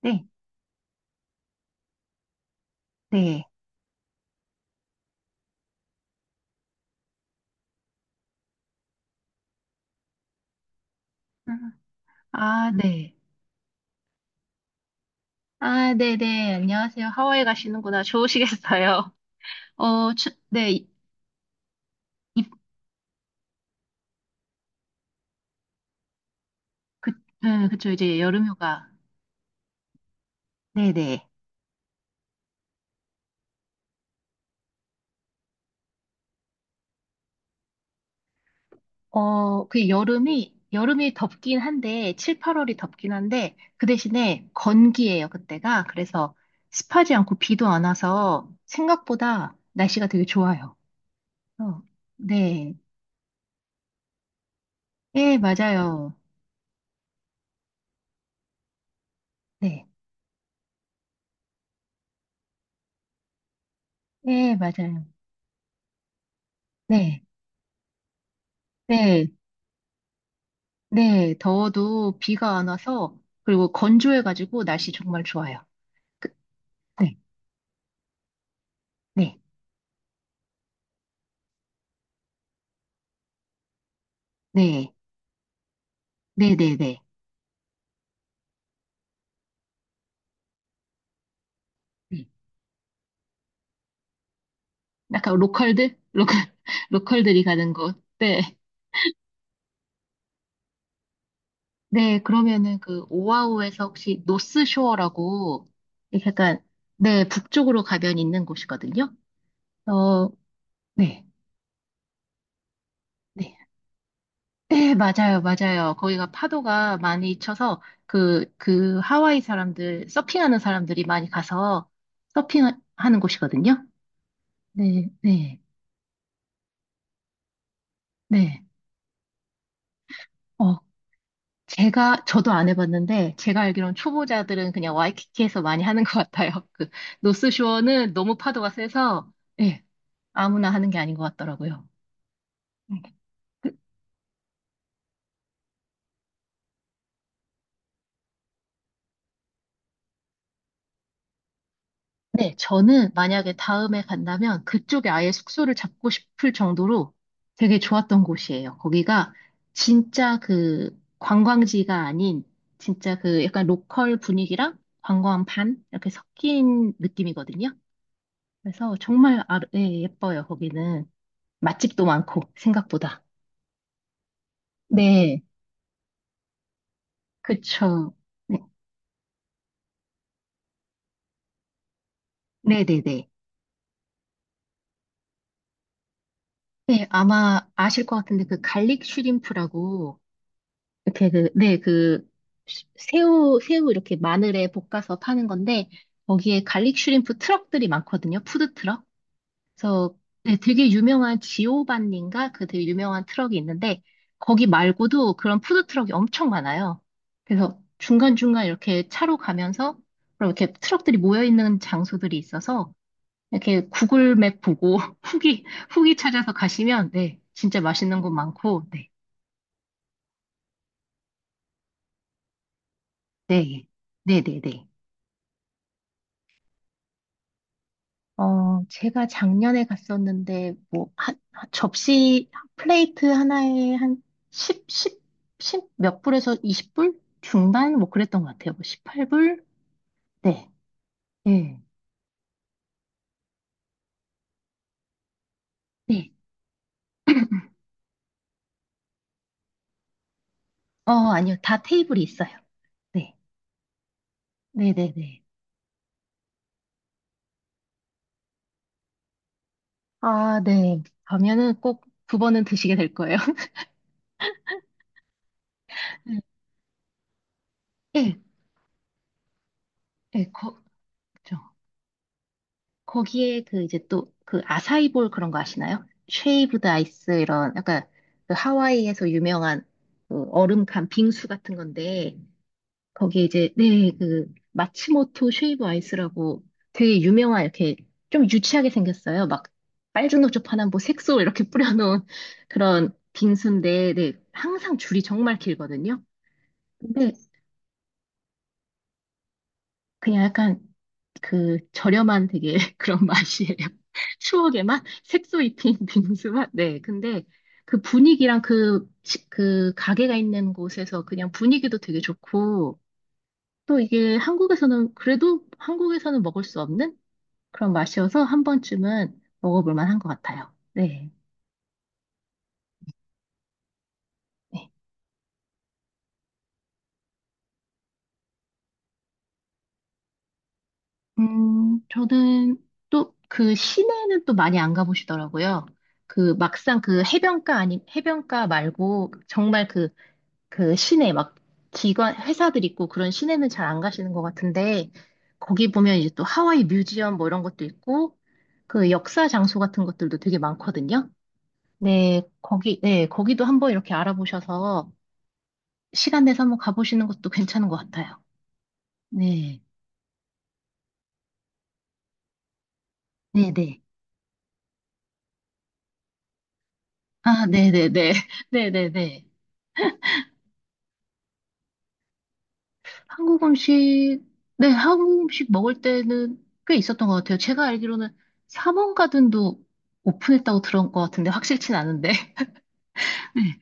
네, 네. 음, 아, 네. 아, 네네. 안녕하세요. 하와이 가시는구나. 좋으시겠어요. 네. 이- 그, 네, 그쵸. 이제 여름휴가. 네네. 그 여름이 덥긴 한데, 7, 8월이 덥긴 한데, 그 대신에 건기예요, 그때가. 그래서 습하지 않고 비도 안 와서 생각보다 날씨가 되게 좋아요. 어, 네. 예, 맞아요. 네. 예, 맞아요. 네. 네. 네, 더워도 비가 안 와서, 그리고 건조해가지고 날씨 정말 좋아요. 그- 네, 네, 네, 네, 네, 네. 네. 약간 로컬들? 로컬, 로컬들이 가는 곳. 네. 네, 그러면은 그 오아후에서 혹시 노스쇼어라고, 이렇게 약간, 네, 북쪽으로 가면 있는 곳이거든요. 어, 네, 네. 네, 맞아요, 맞아요. 거기가 파도가 많이 쳐서 그 하와이 사람들, 서핑하는 사람들이 많이 가서 서핑하는 곳이거든요. 네, 네, 네. 어, 저도 안 해봤는데, 제가 알기로는 초보자들은 그냥 와이키키에서 많이 하는 것 같아요. 그, 노스쇼어는 너무 파도가 세서, 예, 아무나 하는 게 아닌 것 같더라고요. 음, 네, 저는 만약에 다음에 간다면 그쪽에 아예 숙소를 잡고 싶을 정도로 되게 좋았던 곳이에요. 거기가 진짜 그 관광지가 아닌 진짜 그 약간 로컬 분위기랑 관광 반 이렇게 섞인 느낌이거든요. 그래서 정말 아, 예, 예뻐요, 거기는. 맛집도 많고, 생각보다. 네, 그쵸. 네, 네네네. 네, 네. 네, 아마 아실 것 같은데 그 갈릭 슈림프라고 이렇게 그, 네, 그, 새우 이렇게 마늘에 볶아서 파는 건데, 거기에 갈릭 슈림프 트럭들이 많거든요. 푸드 트럭. 그래서 네, 되게 유명한 지오반니인가? 그 되게 유명한 트럭이 있는데, 거기 말고도 그런 푸드 트럭이 엄청 많아요. 그래서 중간중간 이렇게 차로 가면서, 그럼 이렇게 트럭들이 모여있는 장소들이 있어서, 이렇게 구글 맵 보고 후기, 후기 찾아서 가시면, 네, 진짜 맛있는 곳 많고, 네, 네, 예. 네, 네, 네. 제가 작년에 갔었는데, 뭐, 한 접시, 플레이트 하나에 한 10, 10, 10 몇 불에서 20불? 중반? 뭐 그랬던 것 같아요. 뭐 18불? 네. 네. 네. 아니요. 다 테이블이 있어요. 네. 네네네. 아, 네. 가면은 꼭 두 번은 드시게 될 거예요. 네. 예. 예. 그렇죠. 거기에 그 이제 또 그 아사이볼 그런 거 아시나요? 쉐이브드 아이스 이런 약간 그 하와이에서 유명한 그 얼음 간 빙수 같은 건데 거기에 이제 네 그 마츠모토 쉐이브 아이스라고 되게 유명한 이렇게 좀 유치하게 생겼어요. 막 빨주노초파나 뭐 색소 이렇게 뿌려놓은 그런 빙수인데 네 항상 줄이 정말 길거든요. 근데 그냥 약간 그 저렴한 되게 그런 맛이에요. 추억의 맛? 색소 입힌 빙수 맛? 네. 근데 그 분위기랑 그, 그 가게가 있는 곳에서 그냥 분위기도 되게 좋고 또 이게 한국에서는 그래도 한국에서는 먹을 수 없는 그런 맛이어서 한 번쯤은 먹어볼 만한 것 같아요. 네. 네. 저는 또 그 시내는 또 많이 안 가보시더라고요. 그 막상 그 해변가 아니, 해변가 말고 정말 그 시내 막 기관 회사들 있고 그런 시내는 잘 안 가시는 것 같은데 거기 보면 이제 또 하와이 뮤지엄 뭐 이런 것도 있고 그 역사 장소 같은 것들도 되게 많거든요. 네, 거기 네, 거기도 한번 이렇게 알아보셔서 시간 내서 한번 가보시는 것도 괜찮은 것 같아요. 네, 네, 네. 아, 네, 네, 네, 네, 네, 네. 한국 음식 네, 한국 음식 먹을 때는 꽤 있었던 것 같아요. 제가 알기로는 삼원 가든도 오픈했다고 들은 것 같은데 확실치는 않은데. 네,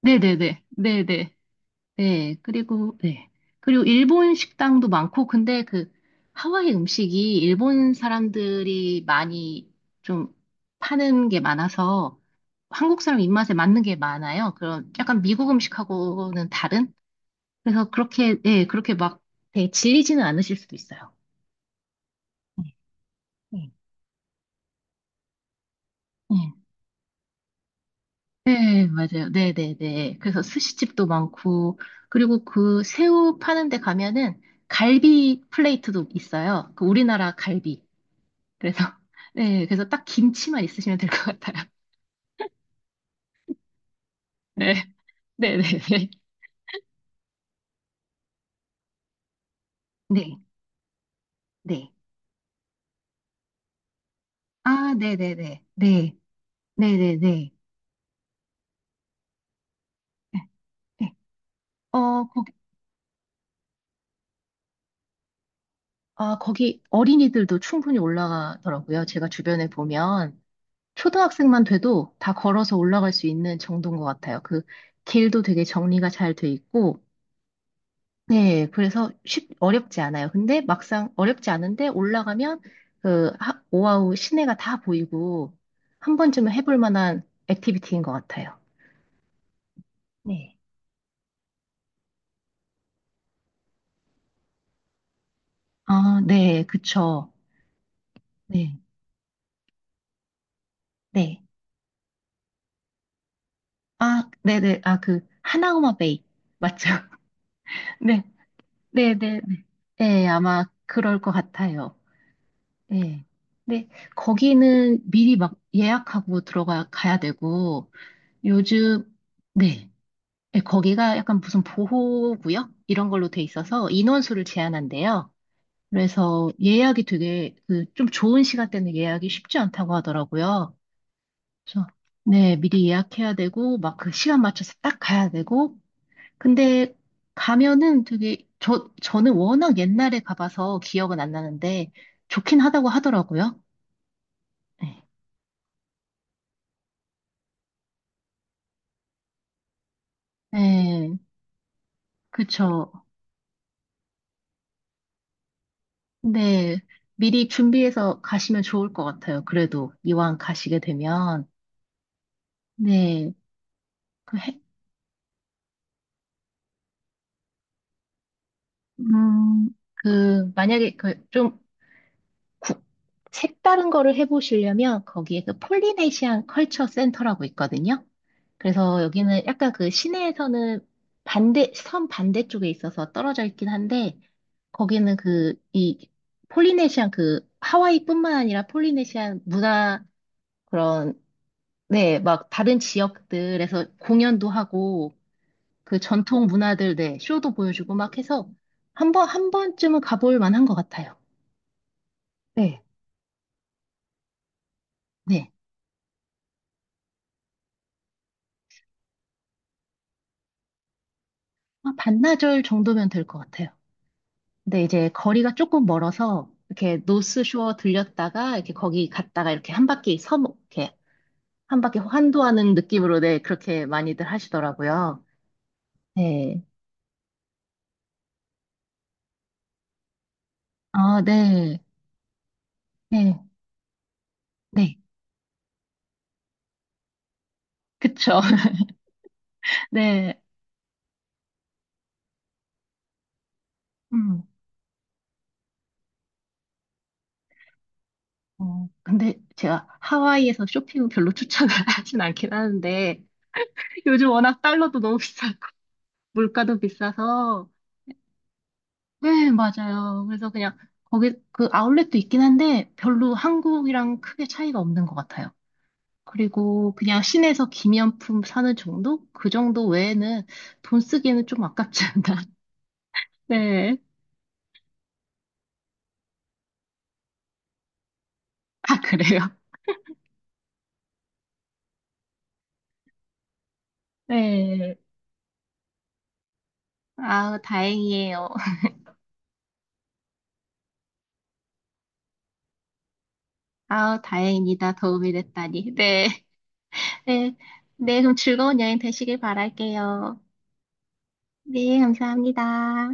네, 네, 네, 네, 네, 네. 그리고 네, 그리고 일본 식당도 많고, 근데 그 하와이 음식이 일본 사람들이 많이 좀 파는 게 많아서 한국 사람 입맛에 맞는 게 많아요. 그런 약간 미국 음식하고는 다른? 그래서 그렇게 네, 그렇게 막 되게 질리지는 않으실 수도 있어요. 네, 네. 네. 네, 맞아요. 네네네. 그래서 스시집도 많고, 그리고 그 새우 파는 데 가면은 갈비 플레이트도 있어요. 그 우리나라 갈비. 그래서, 네, 그래서 딱 김치만 있으시면 될 것 같아요. 네, 네네네. 네, 네. 아, 네네네. 네, 네네네. 네. 네. 어, 거기, 거기 어린이들도 충분히 올라가더라고요. 제가 주변에 보면. 초등학생만 돼도 다 걸어서 올라갈 수 있는 정도인 것 같아요. 그 길도 되게 정리가 잘 돼 있고, 네, 그래서 어렵지 않아요. 근데 막상 어렵지 않은데 올라가면 그 오아우 시내가 다 보이고 한 번쯤은 해볼 만한 액티비티인 것 같아요. 네. 아, 네, 그쵸. 네, 네. 아, 네네. 아, 그, 하나우마 베이. 맞죠? 네, 네, 네. 네, 아마 그럴 것 같아요. 네. 근데 거기는 미리 막 예약하고 들어가 가야 되고 요즘 네. 네, 거기가 약간 무슨 보호구역 이런 걸로 돼 있어서 인원수를 제한한대요. 그래서 예약이 되게 그 좀 좋은 시간대는 예약이 쉽지 않다고 하더라고요. 그래서 네, 미리 예약해야 되고 막 그 시간 맞춰서 딱 가야 되고 근데 가면은 되게 저는 워낙 옛날에 가봐서 기억은 안 나는데 좋긴 하다고 하더라고요. 네. 네, 그쵸. 근데 미리 준비해서 가시면 좋을 것 같아요. 그래도 이왕 가시게 되면. 네, 그 해, 음, 만약에 그 좀 색다른 거를 해보시려면 거기에 그 폴리네시안 컬처 센터라고 있거든요. 그래서 여기는 약간 그 시내에서는 섬 반대쪽에 있어서 떨어져 있긴 한데, 거기는 그, 이, 폴리네시안 그, 하와이뿐만 아니라 폴리네시안 문화, 그런 네, 막 다른 지역들에서 공연도 하고 그 전통 문화들, 네, 쇼도 보여주고 막 해서 한 번쯤은 가볼 만한 것 같아요. 네. 네, 한 반나절 정도면 될 것 같아요. 근데 이제 거리가 조금 멀어서 이렇게 노스쇼어 들렸다가 이렇게 거기 갔다가 이렇게 한 바퀴 섬, 이렇게 한 바퀴 환도하는 느낌으로 네, 그렇게 많이들 하시더라고요. 네. 아, 네. 네. 네. 그쵸. 네. 음. 근데 제가 하와이에서 쇼핑은 별로 추천을 하진 않긴 하는데, 요즘 워낙 달러도 너무 비싸고, 물가도 비싸서, 네, 맞아요. 그래서 그냥, 거기, 그 아울렛도 있긴 한데, 별로 한국이랑 크게 차이가 없는 것 같아요. 그리고 그냥 시내에서 기념품 사는 정도? 그 정도 외에는 돈 쓰기에는 좀 아깝지 않나. 네. 아, 그래요? 네. 아우, 다행이에요. 아우, 다행이다. 도움이 됐다니. 네. 네, 네, 그럼 즐거운 여행 되시길 바랄게요. 네, 감사합니다.